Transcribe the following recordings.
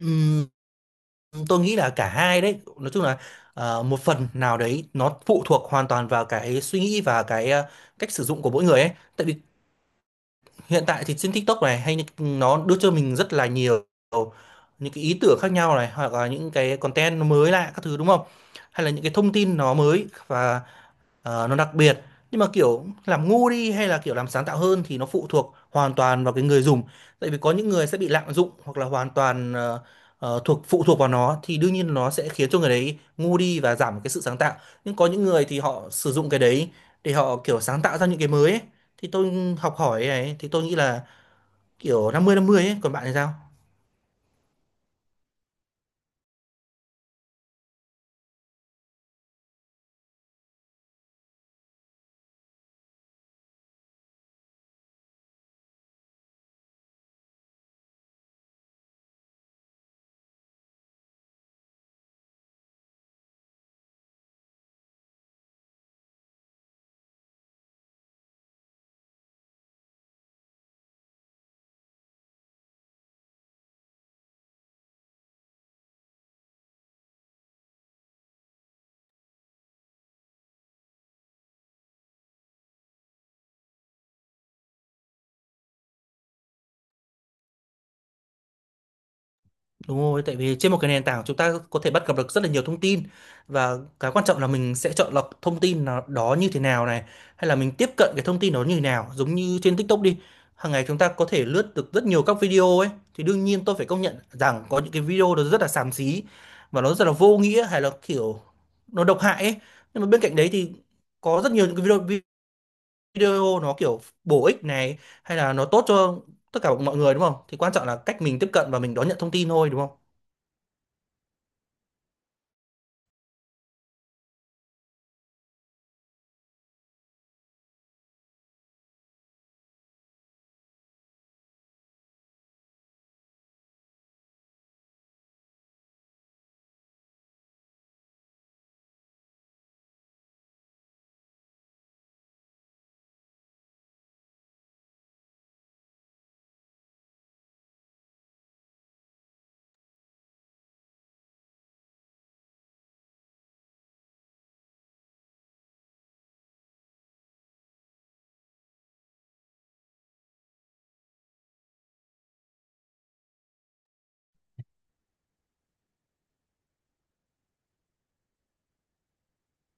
Ừm, tôi nghĩ là cả hai đấy nói chung là một phần nào đấy nó phụ thuộc hoàn toàn vào cái suy nghĩ và cái cách sử dụng của mỗi người ấy. Tại vì hiện tại thì trên TikTok này hay nó đưa cho mình rất là nhiều những cái ý tưởng khác nhau này, hoặc là những cái content nó mới lạ các thứ đúng không, hay là những cái thông tin nó mới và nó đặc biệt. Nhưng mà kiểu làm ngu đi hay là kiểu làm sáng tạo hơn thì nó phụ thuộc hoàn toàn vào cái người dùng. Tại vì có những người sẽ bị lạm dụng hoặc là hoàn toàn ờ, ờ, thuộc phụ thuộc vào nó, thì đương nhiên nó sẽ khiến cho người đấy ngu đi và giảm cái sự sáng tạo. Nhưng có những người thì họ sử dụng cái đấy để họ kiểu sáng tạo ra những cái mới ấy. Thì tôi học hỏi này, thì tôi nghĩ là kiểu 50-50 ấy, còn bạn thì sao? Đúng rồi, tại vì trên một cái nền tảng chúng ta có thể bắt gặp được rất là nhiều thông tin, và cái quan trọng là mình sẽ chọn lọc thông tin đó như thế nào này, hay là mình tiếp cận cái thông tin đó như thế nào. Giống như trên TikTok đi, hàng ngày chúng ta có thể lướt được rất nhiều các video ấy, thì đương nhiên tôi phải công nhận rằng có những cái video nó rất là xàm xí và nó rất là vô nghĩa, hay là kiểu nó độc hại ấy. Nhưng mà bên cạnh đấy thì có rất nhiều những cái video video nó kiểu bổ ích này, hay là nó tốt cho tất cả mọi người đúng không. Thì quan trọng là cách mình tiếp cận và mình đón nhận thông tin thôi, đúng không?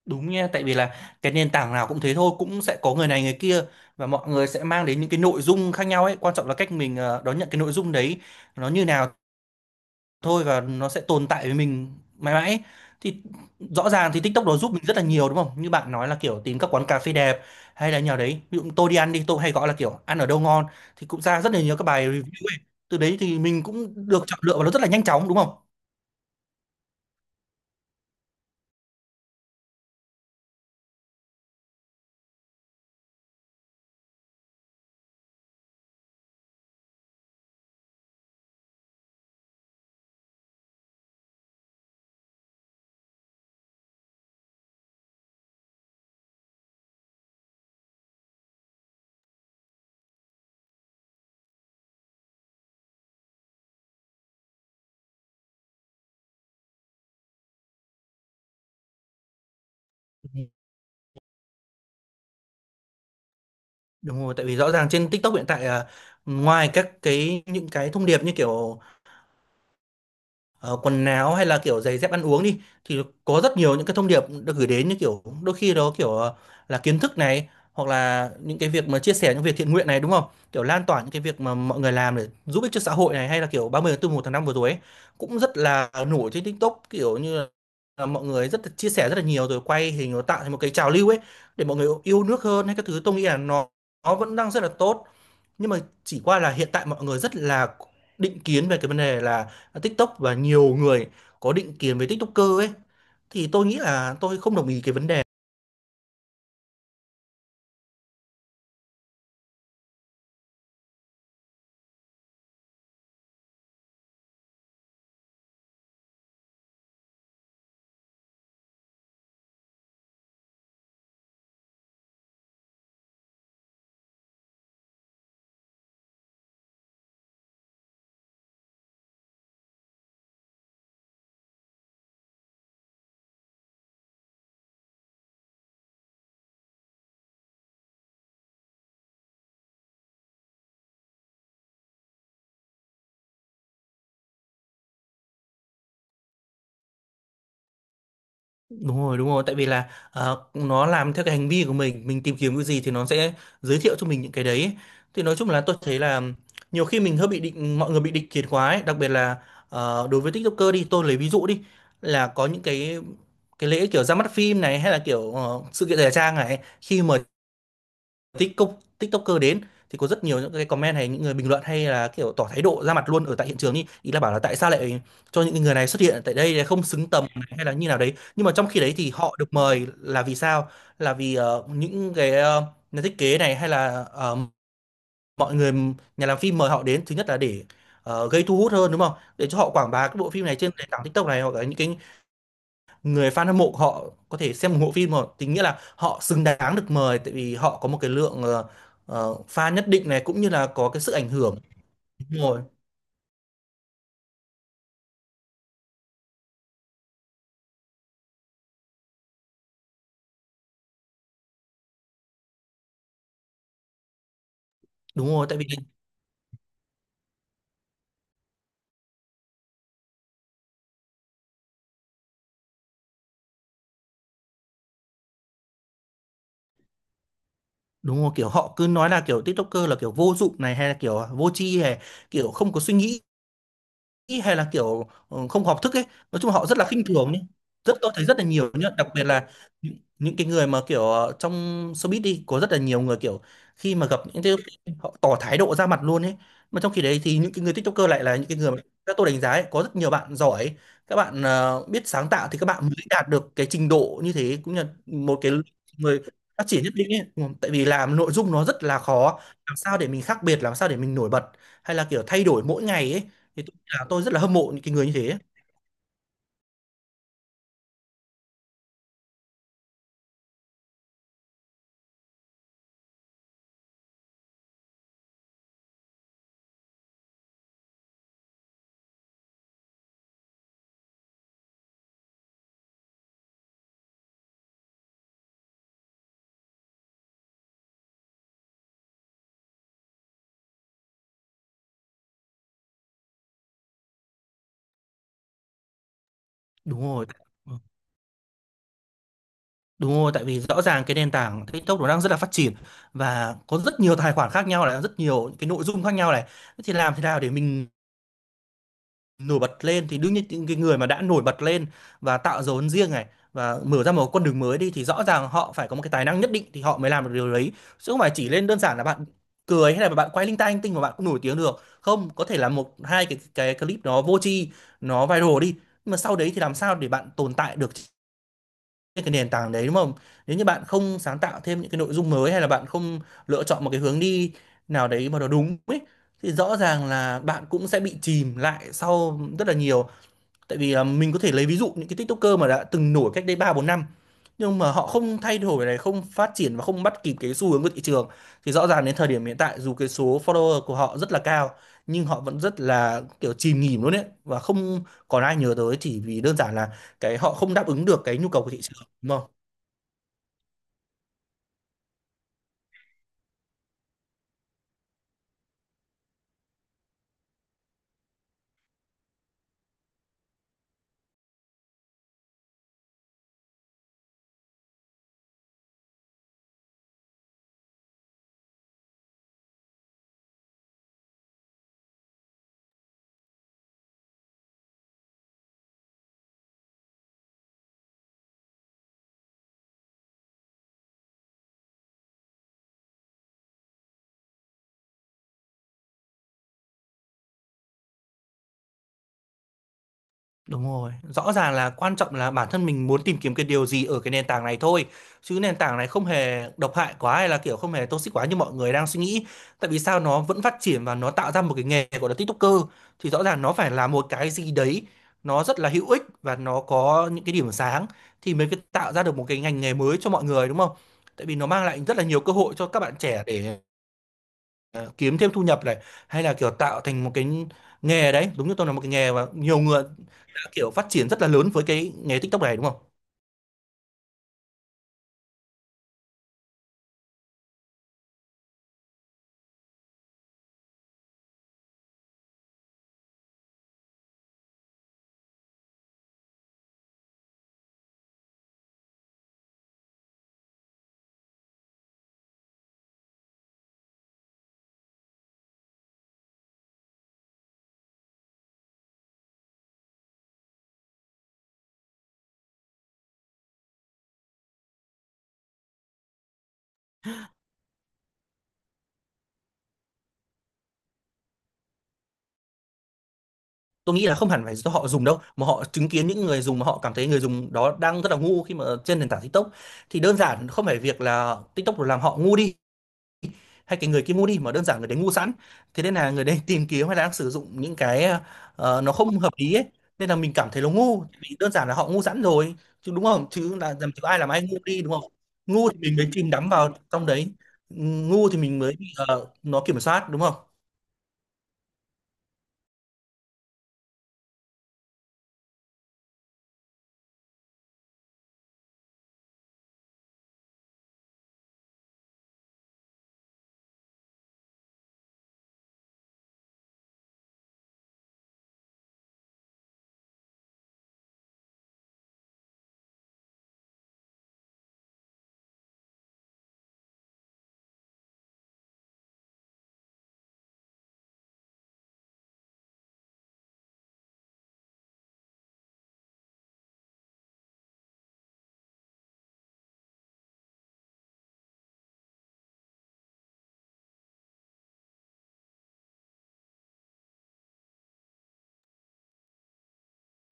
Đúng nha, tại vì là cái nền tảng nào cũng thế thôi, cũng sẽ có người này người kia, và mọi người sẽ mang đến những cái nội dung khác nhau ấy. Quan trọng là cách mình đón nhận cái nội dung đấy nó như nào thôi, và nó sẽ tồn tại với mình mãi mãi ấy. Thì rõ ràng thì TikTok nó giúp mình rất là nhiều đúng không? Như bạn nói là kiểu tìm các quán cà phê đẹp, hay là nhà đấy. Ví dụ tôi đi ăn đi, tôi hay gọi là kiểu ăn ở đâu ngon, thì cũng ra rất là nhiều các bài review ấy. Từ đấy thì mình cũng được chọn lựa và nó rất là nhanh chóng đúng không? Đúng rồi, tại vì rõ ràng trên TikTok hiện tại à, ngoài các cái những cái thông điệp như kiểu ờ, quần áo hay là kiểu giày dép ăn uống đi, thì có rất nhiều những cái thông điệp được gửi đến, như kiểu đôi khi đó kiểu là kiến thức này, hoặc là những cái việc mà chia sẻ những việc thiện nguyện này đúng không, kiểu lan tỏa những cái việc mà mọi người làm để giúp ích cho xã hội này, hay là kiểu 30 tháng 4 một tháng 5 vừa rồi ấy, cũng rất là nổi trên TikTok, kiểu như là mọi người rất là chia sẻ rất là nhiều, rồi quay hình nó tạo thành một cái trào lưu ấy, để mọi người yêu nước hơn hay các thứ. Tôi nghĩ là nó vẫn đang rất là tốt, nhưng mà chỉ qua là hiện tại mọi người rất là định kiến về cái vấn đề là TikTok, và nhiều người có định kiến với TikToker ấy, thì tôi nghĩ là tôi không đồng ý cái vấn đề. Đúng rồi, đúng rồi, tại vì là nó làm theo cái hành vi của mình tìm kiếm cái gì thì nó sẽ giới thiệu cho mình những cái đấy. Thì nói chung là tôi thấy là nhiều khi mình hơi bị định, mọi người bị định kiến quá ấy, đặc biệt là đối với TikToker đi, tôi lấy ví dụ đi, là có những cái lễ kiểu ra mắt phim này, hay là kiểu sự kiện thời trang này. Khi mà TikTok TikToker đến thì có rất nhiều những cái comment, hay những người bình luận, hay là kiểu tỏ thái độ ra mặt luôn ở tại hiện trường đi, ý là bảo là tại sao lại cho những người này xuất hiện tại đây, không xứng tầm hay là như nào đấy. Nhưng mà trong khi đấy thì họ được mời là vì sao, là vì những cái nhà thiết kế này, hay là mọi người nhà làm phim mời họ đến, thứ nhất là để gây thu hút hơn đúng không, để cho họ quảng bá cái bộ phim này trên nền tảng TikTok này, hoặc là những cái người fan hâm mộ họ có thể xem ủng hộ phim. Mà tính nghĩa là họ xứng đáng được mời, tại vì họ có một cái lượng fan nhất định này, cũng như là có cái sức ảnh hưởng. Đúng rồi, đúng rồi, tại vì đúng rồi, kiểu họ cứ nói là kiểu TikToker là kiểu vô dụng này, hay là kiểu vô tri, hay kiểu không có suy nghĩ nghĩ, hay là kiểu không học thức ấy. Nói chung họ rất là khinh thường nhé, rất tôi thấy rất là nhiều nhá, đặc biệt là những cái người mà kiểu trong showbiz đi, có rất là nhiều người kiểu khi mà gặp những cái, họ tỏ thái độ ra mặt luôn ấy. Mà trong khi đấy thì những cái người TikToker lại là những cái người mà các tôi đánh giá ấy, có rất nhiều bạn giỏi, các bạn biết sáng tạo, thì các bạn mới đạt được cái trình độ như thế, cũng là một cái người phát triển nhất định ấy. Ừ, tại vì làm nội dung nó rất là khó, làm sao để mình khác biệt, làm sao để mình nổi bật, hay là kiểu thay đổi mỗi ngày ấy, thì tôi là tôi rất là hâm mộ những cái người như thế. Đúng rồi. Ừ, đúng rồi, tại vì rõ ràng cái nền tảng TikTok nó đang rất là phát triển, và có rất nhiều tài khoản khác nhau này, rất nhiều những cái nội dung khác nhau này. Thế thì làm thế nào để mình nổi bật lên, thì đương nhiên những cái người mà đã nổi bật lên và tạo dấu ấn riêng này, và mở ra một con đường mới đi, thì rõ ràng họ phải có một cái tài năng nhất định thì họ mới làm được điều đấy. Chứ không phải chỉ lên đơn giản là bạn cười, hay là bạn quay linh tay linh tinh mà bạn cũng nổi tiếng được. Không, có thể là một hai cái clip nó vô tri nó viral đi, nhưng mà sau đấy thì làm sao để bạn tồn tại được trên cái nền tảng đấy đúng không? Nếu như bạn không sáng tạo thêm những cái nội dung mới, hay là bạn không lựa chọn một cái hướng đi nào đấy mà nó đúng ấy, thì rõ ràng là bạn cũng sẽ bị chìm lại sau rất là nhiều. Tại vì à, mình có thể lấy ví dụ những cái TikToker mà đã từng nổi cách đây 3 4 năm, nhưng mà họ không thay đổi này, không phát triển và không bắt kịp cái xu hướng của thị trường, thì rõ ràng đến thời điểm hiện tại dù cái số follower của họ rất là cao, nhưng họ vẫn rất là kiểu chìm nghỉm luôn ấy, và không còn ai nhớ tới, chỉ vì đơn giản là cái họ không đáp ứng được cái nhu cầu của thị trường đúng không? Đúng rồi, rõ ràng là quan trọng là bản thân mình muốn tìm kiếm cái điều gì ở cái nền tảng này thôi, chứ nền tảng này không hề độc hại quá, hay là kiểu không hề toxic quá như mọi người đang suy nghĩ. Tại vì sao nó vẫn phát triển và nó tạo ra một cái nghề gọi là TikToker, thì rõ ràng nó phải là một cái gì đấy nó rất là hữu ích và nó có những cái điểm sáng, thì mới tạo ra được một cái ngành nghề mới cho mọi người đúng không? Tại vì nó mang lại rất là nhiều cơ hội cho các bạn trẻ, để ờ, kiếm thêm thu nhập này, hay là kiểu tạo thành một cái nghề đấy, đúng như tôi là một cái nghề, và nhiều người đã kiểu phát triển rất là lớn với cái nghề TikTok này đúng không? Tôi nghĩ là không hẳn phải do họ dùng đâu, mà họ chứng kiến những người dùng mà họ cảm thấy người dùng đó đang rất là ngu khi mà trên nền tảng TikTok. Thì đơn giản không phải việc là TikTok làm họ ngu đi hay cái người kia mua đi, mà đơn giản người đấy ngu sẵn. Thế nên là người đấy tìm kiếm hay là đang sử dụng những cái nó không hợp lý ấy, nên là mình cảm thấy nó ngu, vì đơn giản là họ ngu sẵn rồi, chứ đúng không, chứ là làm, chứ ai làm ai ngu đi đúng không? Ngu thì mình mới chìm đắm vào trong đấy, ngu thì mình mới bị nó kiểm soát đúng không?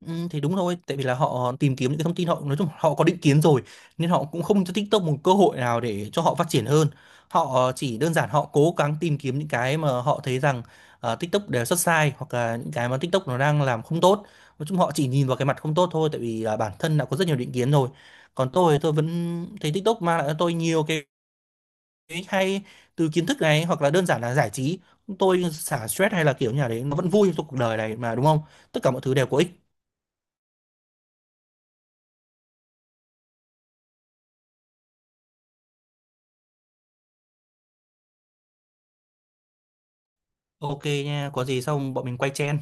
Ừ, thì đúng thôi, tại vì là họ tìm kiếm những cái thông tin, họ nói chung họ có định kiến rồi, nên họ cũng không cho TikTok một cơ hội nào để cho họ phát triển hơn. Họ chỉ đơn giản họ cố gắng tìm kiếm những cái mà họ thấy rằng TikTok đều xuất sai, hoặc là những cái mà TikTok nó đang làm không tốt. Nói chung họ chỉ nhìn vào cái mặt không tốt thôi, tại vì là bản thân đã có rất nhiều định kiến rồi. Còn tôi vẫn thấy TikTok mang lại cho tôi nhiều cái hay, từ kiến thức này hoặc là đơn giản là giải trí. Tôi xả stress, hay là kiểu như là đấy, nó vẫn vui trong cuộc đời này mà đúng không? Tất cả mọi thứ đều có ích. Ok nha, có gì xong bọn mình quay chen.